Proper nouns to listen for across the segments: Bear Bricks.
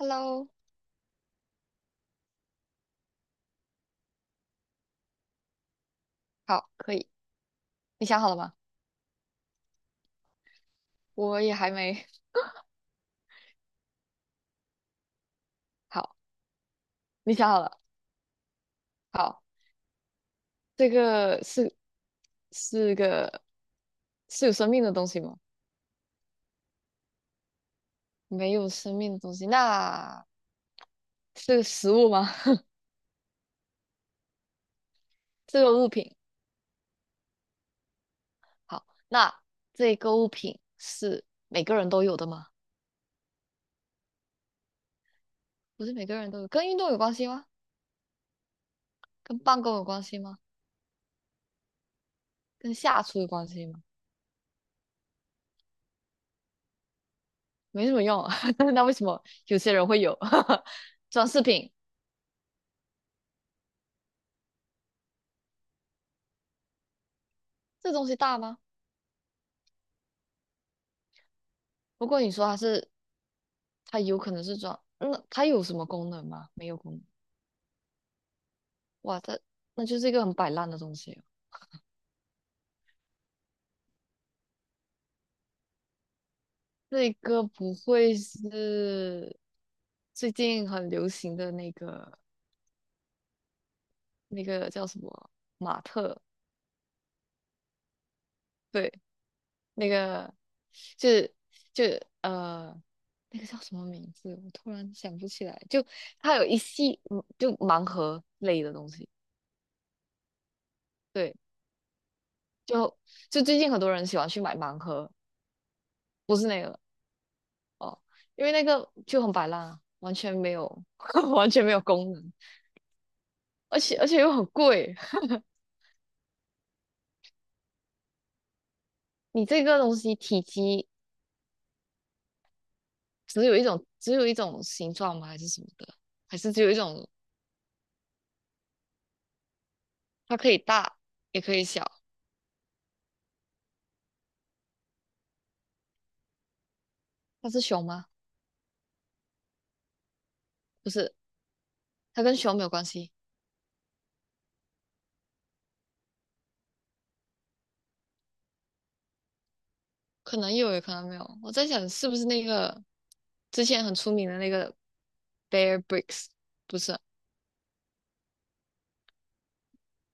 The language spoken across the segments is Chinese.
Hello，好，可以。你想好了吗？我也还没。好，你想好了。好，这个是是个是有生命的东西吗？没有生命的东西，那是个食物吗？这个物品。好，那这个物品是每个人都有的吗？不是每个人都有，跟运动有关系吗？跟办公有关系吗？跟下厨有关系吗？没什么用啊，那为什么有些人会有？装饰品，这东西大吗？不过你说它是它有可能是装，那它有什么功能吗？没有功能。哇，它那就是一个很摆烂的东西哦。那个不会是最近很流行的那个那个叫什么马特？对，那个就是就呃那个叫什么名字？我突然想不起来。就它有一系就盲盒类的东西，对，就就最近很多人喜欢去买盲盒，不是那个。哦，因为那个就很摆烂啊，完全没有 完全没有功能，而且又很贵。你这个东西体积只有一种，只有一种形状吗？还是什么的？还是只有一种？它可以大，也可以小。它是熊吗？不是，它跟熊没有关系，可能有，也可能没有。我在想是不是那个之前很出名的那个 Bear Bricks，不是，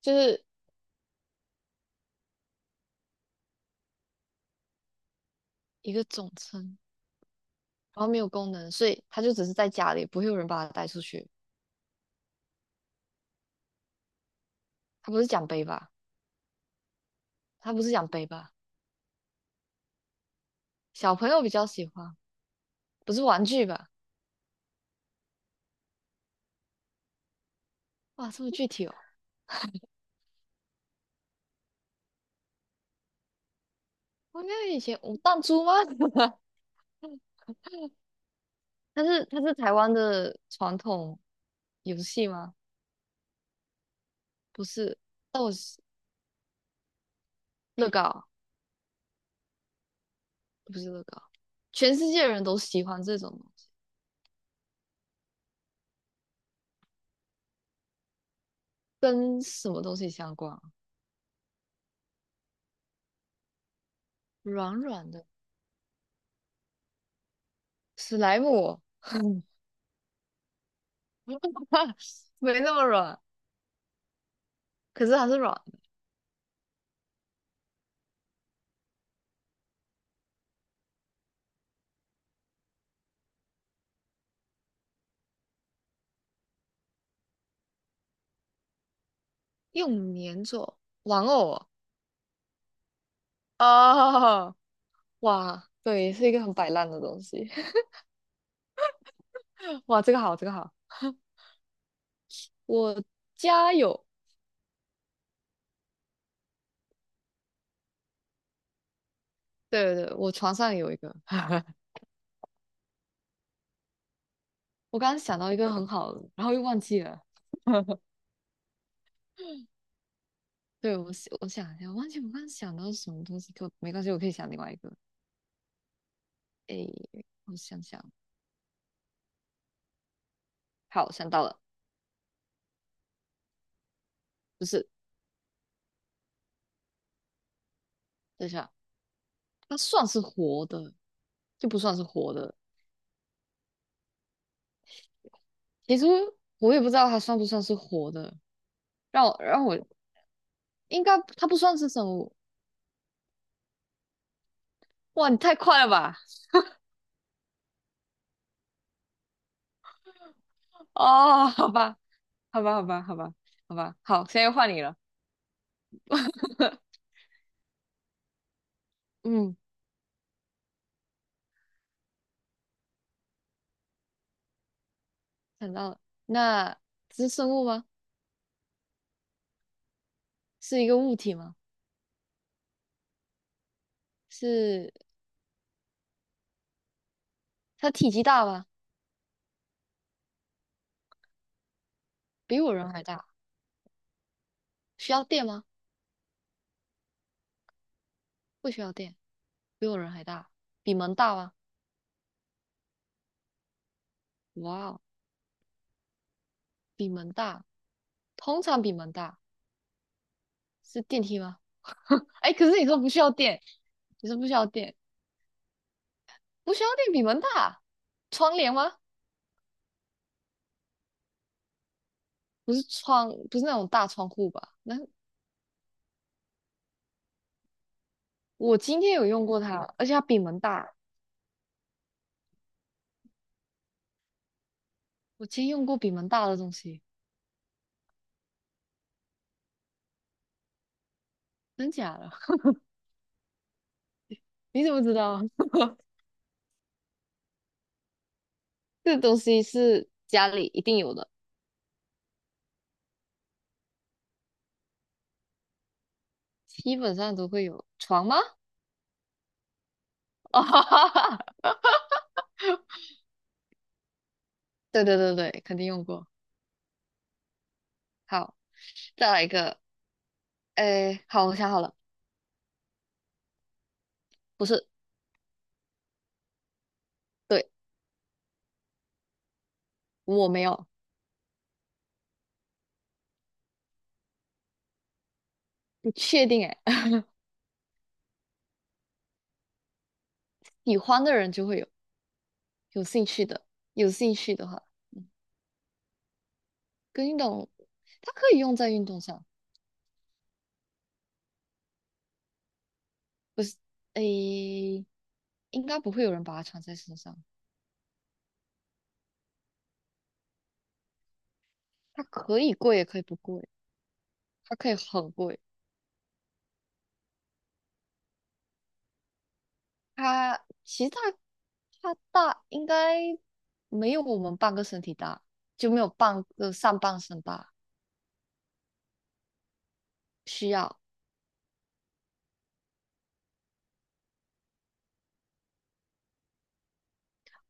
就是一个总称，然后没有功能，所以它就只是在家里，不会有人把它带出去。它不是奖杯吧？它不是奖杯吧？小朋友比较喜欢，不是玩具吧？哇，这么具体哦！我那以前我弹珠吗？它是台湾的传统游戏吗？不是，但我是乐高，不是乐高，全世界人都喜欢这种东西，跟什么东西相关啊？软软的史莱姆哦，没那么软，可是它是软的，用粘做玩偶。哦，哦，哇，对，是一个很摆烂的东西。哇，这个好，这个好。我家有，对对对，我床上有一个。我刚刚想到一个很好的，然后又忘记了。对，我想一下，我忘记我刚刚想到什么东西，可没关系，我可以想另外一个。诶，我想想，好，想到了，不是，等一下，它算是活的，就不算是活的。其实我也不知道它算不算是活的，让我应该它不算是生物。哇，你太快了吧！哦，好吧，好吧，好吧，好吧，好吧，好，现在又换你了。嗯，想到了，那这是生物吗？是一个物体吗？是它体积大吗？比我人还大。需要电吗？不需要电，比我人还大。比门大吗？哇哦，比门大，通常比门大。是电梯吗？哎，可是你说不需要电，你说不需要电，不需要电比门大。窗帘吗？不是窗，不是那种大窗户吧？那我今天有用过它，而且它比门大。我今天用过比门大的东西，真假的？你怎么知道？这个东西是家里一定有的，基本上都会有。床吗？哦，对对对对，肯定用过。好，再来一个。哎，好，我想好了，不是，对，我没有，不确定。哎，喜欢的人就会有，有兴趣的，有兴趣的话，嗯跟运动，它可以用在运动上，不是，哎，应该不会有人把它穿在身上。它可以贵，也可以不贵。它可以很贵。它其实它大应该没有我们半个身体大，就没有半个上半身大。需要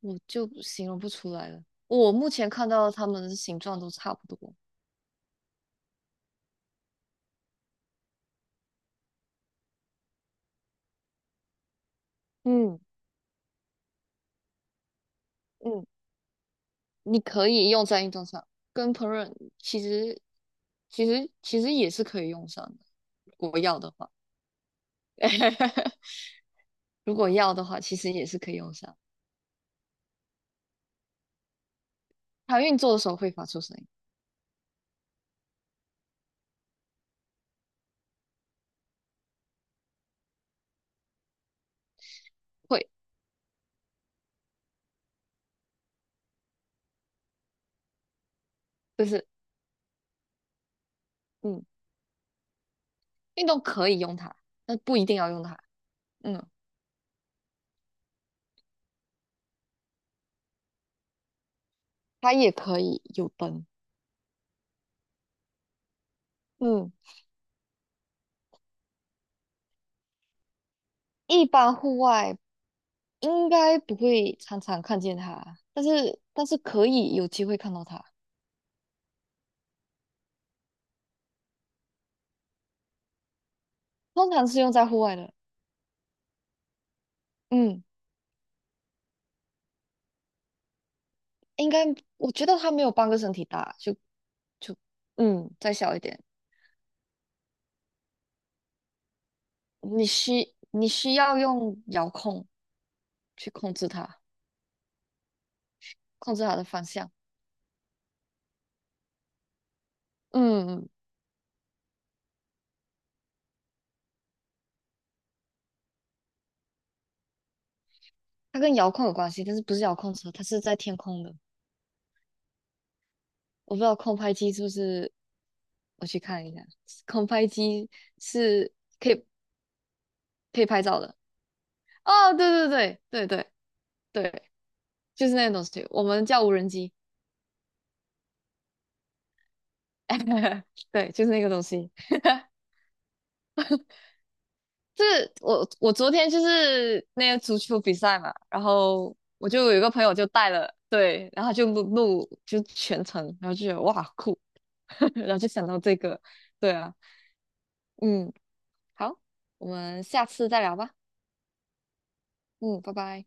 我就形容不出来了。我目前看到它们的形状都差不多。嗯嗯，你可以用在运动上，跟烹饪其实其实其实也是可以用上的。如果要的话，如果要的话，其实也是可以用上。它运作的时候会发出声音，会，就是嗯。运动可以用它，但不一定要用它。嗯，它也可以有灯。嗯，一般户外应该不会常常看见它，但是可以有机会看到它。通常是用在户外的。嗯，应该我觉得它没有半个身体大，就就嗯再小一点。你需要用遥控去控制它，控制它的方向。嗯，嗯，它跟遥控有关系，但是不是遥控车，它是在天空的。我不知道空拍机是不是我去看一下，空拍机是可以可以拍照的。哦，对对对对对对，就是那个东西，我们叫无人机。对，就是那个东西。这我昨天就是那个足球比赛嘛，然后我就有一个朋友就带了，对，然后就录就全程，然后就觉得哇酷，然后就想到这个，对啊，嗯，好，我们下次再聊吧，嗯，拜拜。